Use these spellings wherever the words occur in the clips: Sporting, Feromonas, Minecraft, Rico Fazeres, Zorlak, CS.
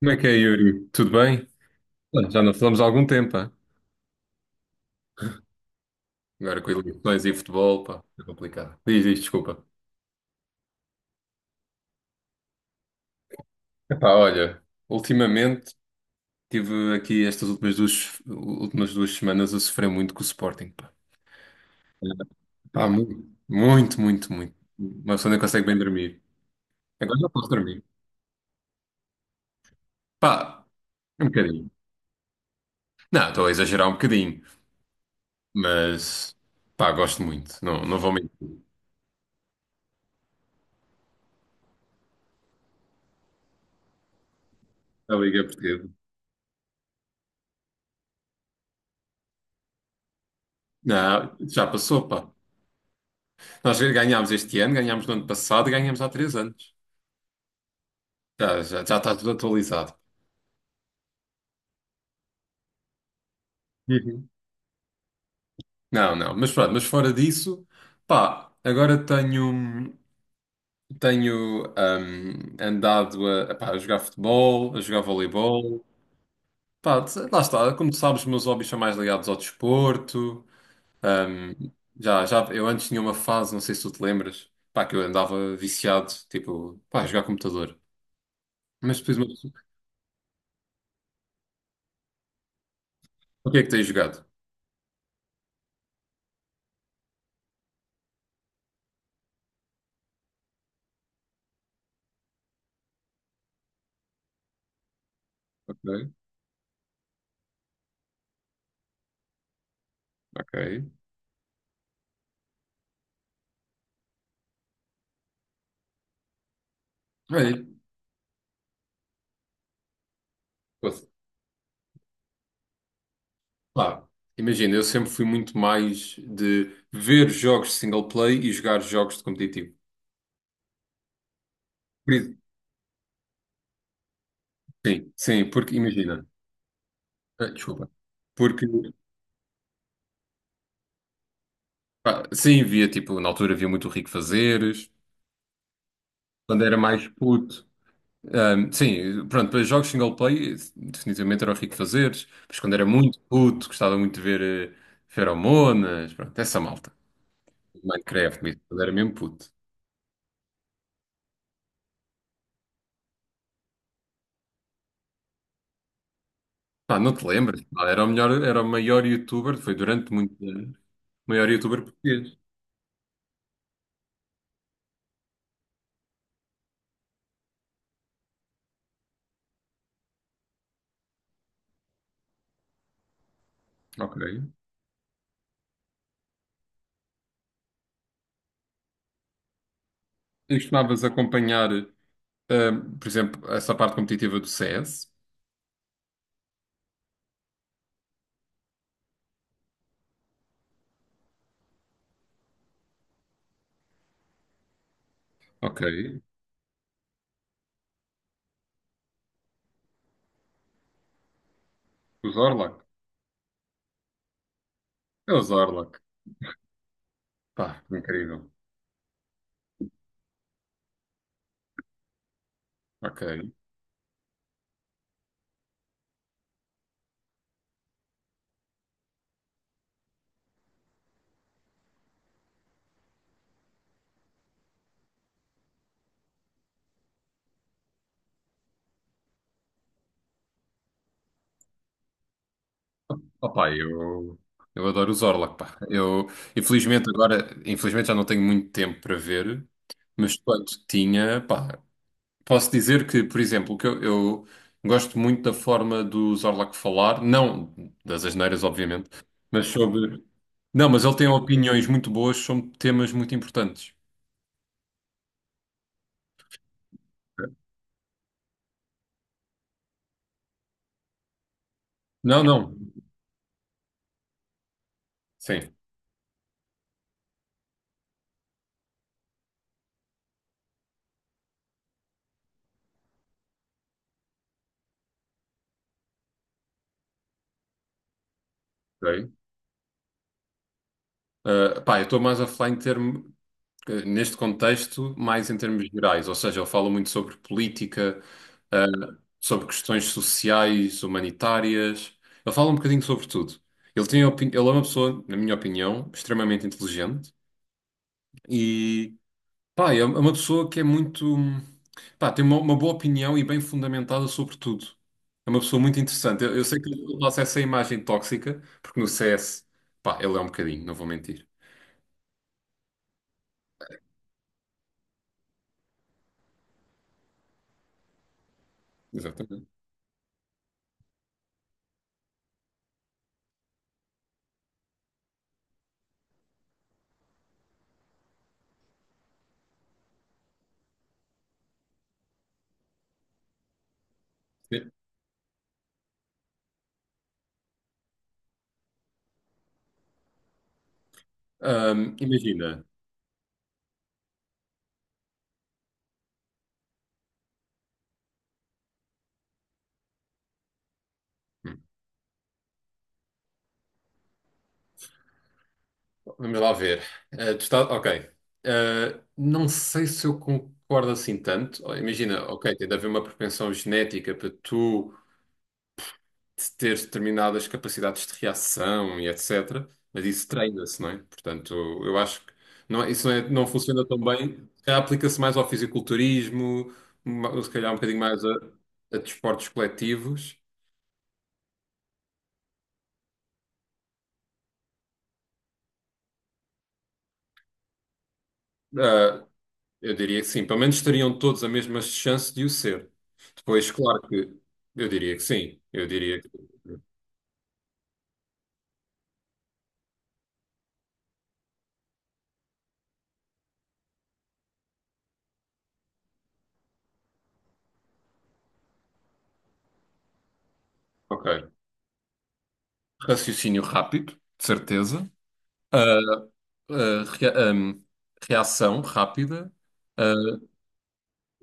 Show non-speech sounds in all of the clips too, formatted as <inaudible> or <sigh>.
Como é que é, Yuri? Tudo bem? Olha, já não falamos há algum tempo, hã? Agora com eleições e futebol, pá, é complicado. Diz, desculpa. Epá, olha, ultimamente tive aqui estas últimas duas semanas a sofrer muito com o Sporting, pá. Pá, muito, muito, muito, muito. Uma pessoa nem consegue bem dormir. Agora já posso dormir. Pá, um bocadinho. Não, estou a exagerar um bocadinho, mas pá, gosto muito. Não, não vou mentir. A Liga é Portuguesa. Não, já passou, pá. Nós ganhámos este ano, ganhámos no ano passado, ganhámos há três anos. Já está tudo atualizado. Uhum. Não, não, mas pronto, mas fora disso, pá, tenho andado a, pá, a jogar futebol, a jogar voleibol, pá, lá está, como tu sabes, os meus hobbies são mais ligados ao desporto, hum, eu antes tinha uma fase, não sei se tu te lembras, pá, que eu andava viciado, tipo, pá, a jogar computador, mas depois, o que é que tens jogado? Ok, ok, Olha, pois, lá, imagina, eu sempre fui muito mais de ver jogos de single play e jogar jogos de competitivo. Por isso- Sim, sim, porque imagina. Desculpa. Porque, pá, sim, via, tipo, na altura via muito o Rico Fazeres, quando era mais puto. Sim, pronto, para jogos single play, definitivamente era o Rico Fazeres, mas quando era muito puto, gostava muito de ver eh, Feromonas, pronto, essa malta. Minecraft, mesmo, quando era mesmo puto. Pá, não te lembras? Pá, era o melhor, era o maior youtuber, foi durante muito tempo. Maior youtuber português. Ok. E costumavas acompanhar, por exemplo, essa parte competitiva do CS? Ok. O Zorlak? É o Zorlak. Pá, incrível. Ok. Opa, eu adoro o Zorlak, pá. Eu, infelizmente, agora, infelizmente já não tenho muito tempo para ver, mas quando tinha, pá, posso dizer que, por exemplo, que eu gosto muito da forma do Zorlak falar, não das asneiras, obviamente, mas sobre. Não, mas ele tem opiniões muito boas sobre temas muito importantes. Não, não. Sim. Ok. Ah, pá, eu estou mais a falar neste contexto, mais em termos gerais, ou seja, ele fala muito sobre política, ah, sobre questões sociais, humanitárias, ele fala um bocadinho sobre tudo. Ele tem opini... Ele é uma pessoa, na minha opinião, extremamente inteligente. E pá, é uma pessoa que é muito, pá, tem uma boa opinião e bem fundamentada sobre tudo. É uma pessoa muito interessante. Eu sei que ele passa essa imagem tóxica, porque no CS, pá, ele é um bocadinho, não vou mentir. Exatamente. Sim. Imagina. Hum, vamos lá ver. Ah, tu estás, ok. Ah, não sei se eu concordo assim tanto. Oh, imagina, ok, tem de haver uma propensão genética para tu de ter determinadas capacidades de reação e etc. Mas isso treina-se, não é? Portanto, eu acho que isso não, não funciona tão bem. Se calhar aplica-se mais ao fisiculturismo, se calhar um bocadinho mais a desportos coletivos. Ah, eu diria que sim. Pelo menos teriam todos a mesma chance de o ser. Depois, claro que eu diria que sim. Eu diria que. Ok. Raciocínio rápido, de certeza. Ah, ah, rea- ahm, reação rápida. ah,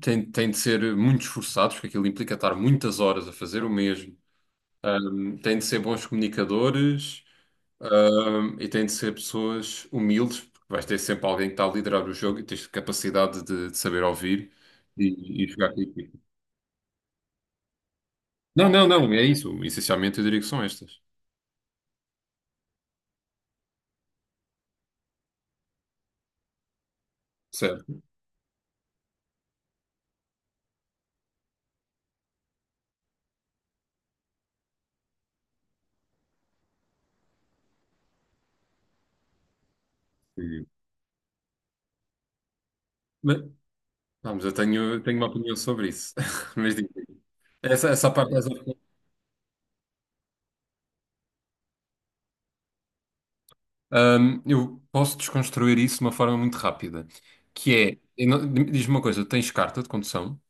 Tem, tem de ser muito esforçados, porque aquilo implica estar muitas horas a fazer o mesmo. Têm de ser bons comunicadores, e têm de ser pessoas humildes, porque vais ter sempre alguém que está a liderar o jogo e tens capacidade de saber ouvir e jogar com a equipa. Não, é isso. Essencialmente eu diria que são estas. Certo. Sim. Mas, vamos, tenho uma opinião sobre isso. <laughs> Mas digo, essa, essa parte, essa, hum, eu posso desconstruir isso de uma forma muito rápida, que é, eu não- diz-me uma coisa, tens carta de condução?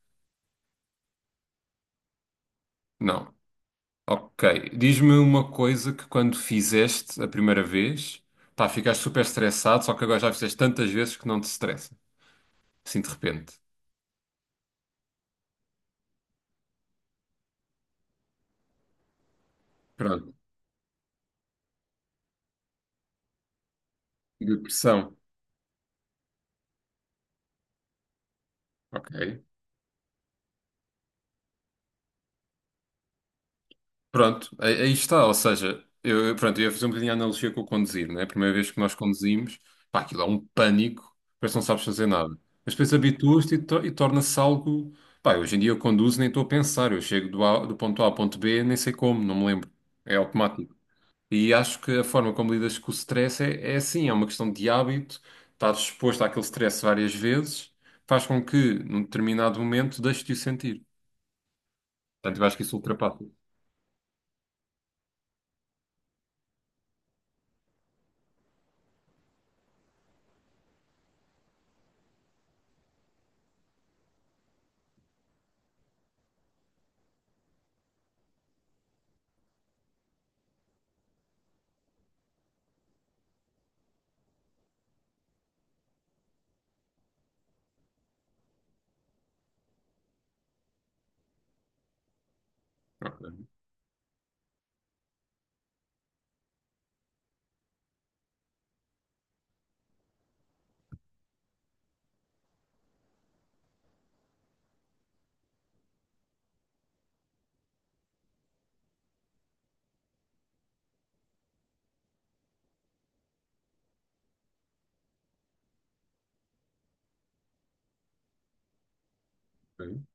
Não. Ok. Diz-me uma coisa: que quando fizeste a primeira vez, pá, ficaste super estressado, só que agora já fizeste tantas vezes que não te estressa, assim de repente. Pronto. Depressão. Ok. Pronto, aí está, ou seja, pronto, eu ia fazer um bocadinho a analogia com o conduzir, né? A primeira vez que nós conduzimos, pá, aquilo é um pânico, parece que não sabes fazer nada. Mas depois habituas-te e torna-se algo, pá, hoje em dia eu conduzo nem estou a pensar, eu chego do ponto A ao ponto B, nem sei como, não me lembro, é automático. E acho que a forma como lidas com o stress é assim, é uma questão de hábito, estás exposto àquele stress várias vezes, faz com que, num determinado momento, deixes de o sentir. Portanto, eu acho que isso ultrapassa. Ok, ok.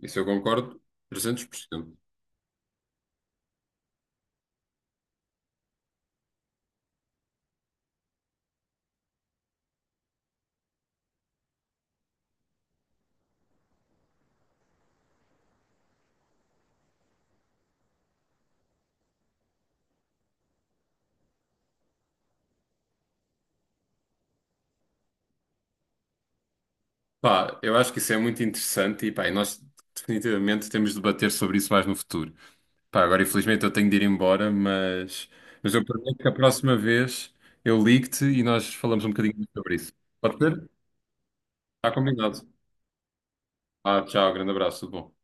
Isso eu concordo 300%. Pá, eu acho que isso é muito interessante pá, e nós definitivamente temos de debater sobre isso mais no futuro. Pá, agora infelizmente eu tenho de ir embora, mas eu prometo que a próxima vez eu ligo-te e nós falamos um bocadinho mais sobre isso. Pode ser? Está combinado. Ah, tchau, grande abraço, tudo bom.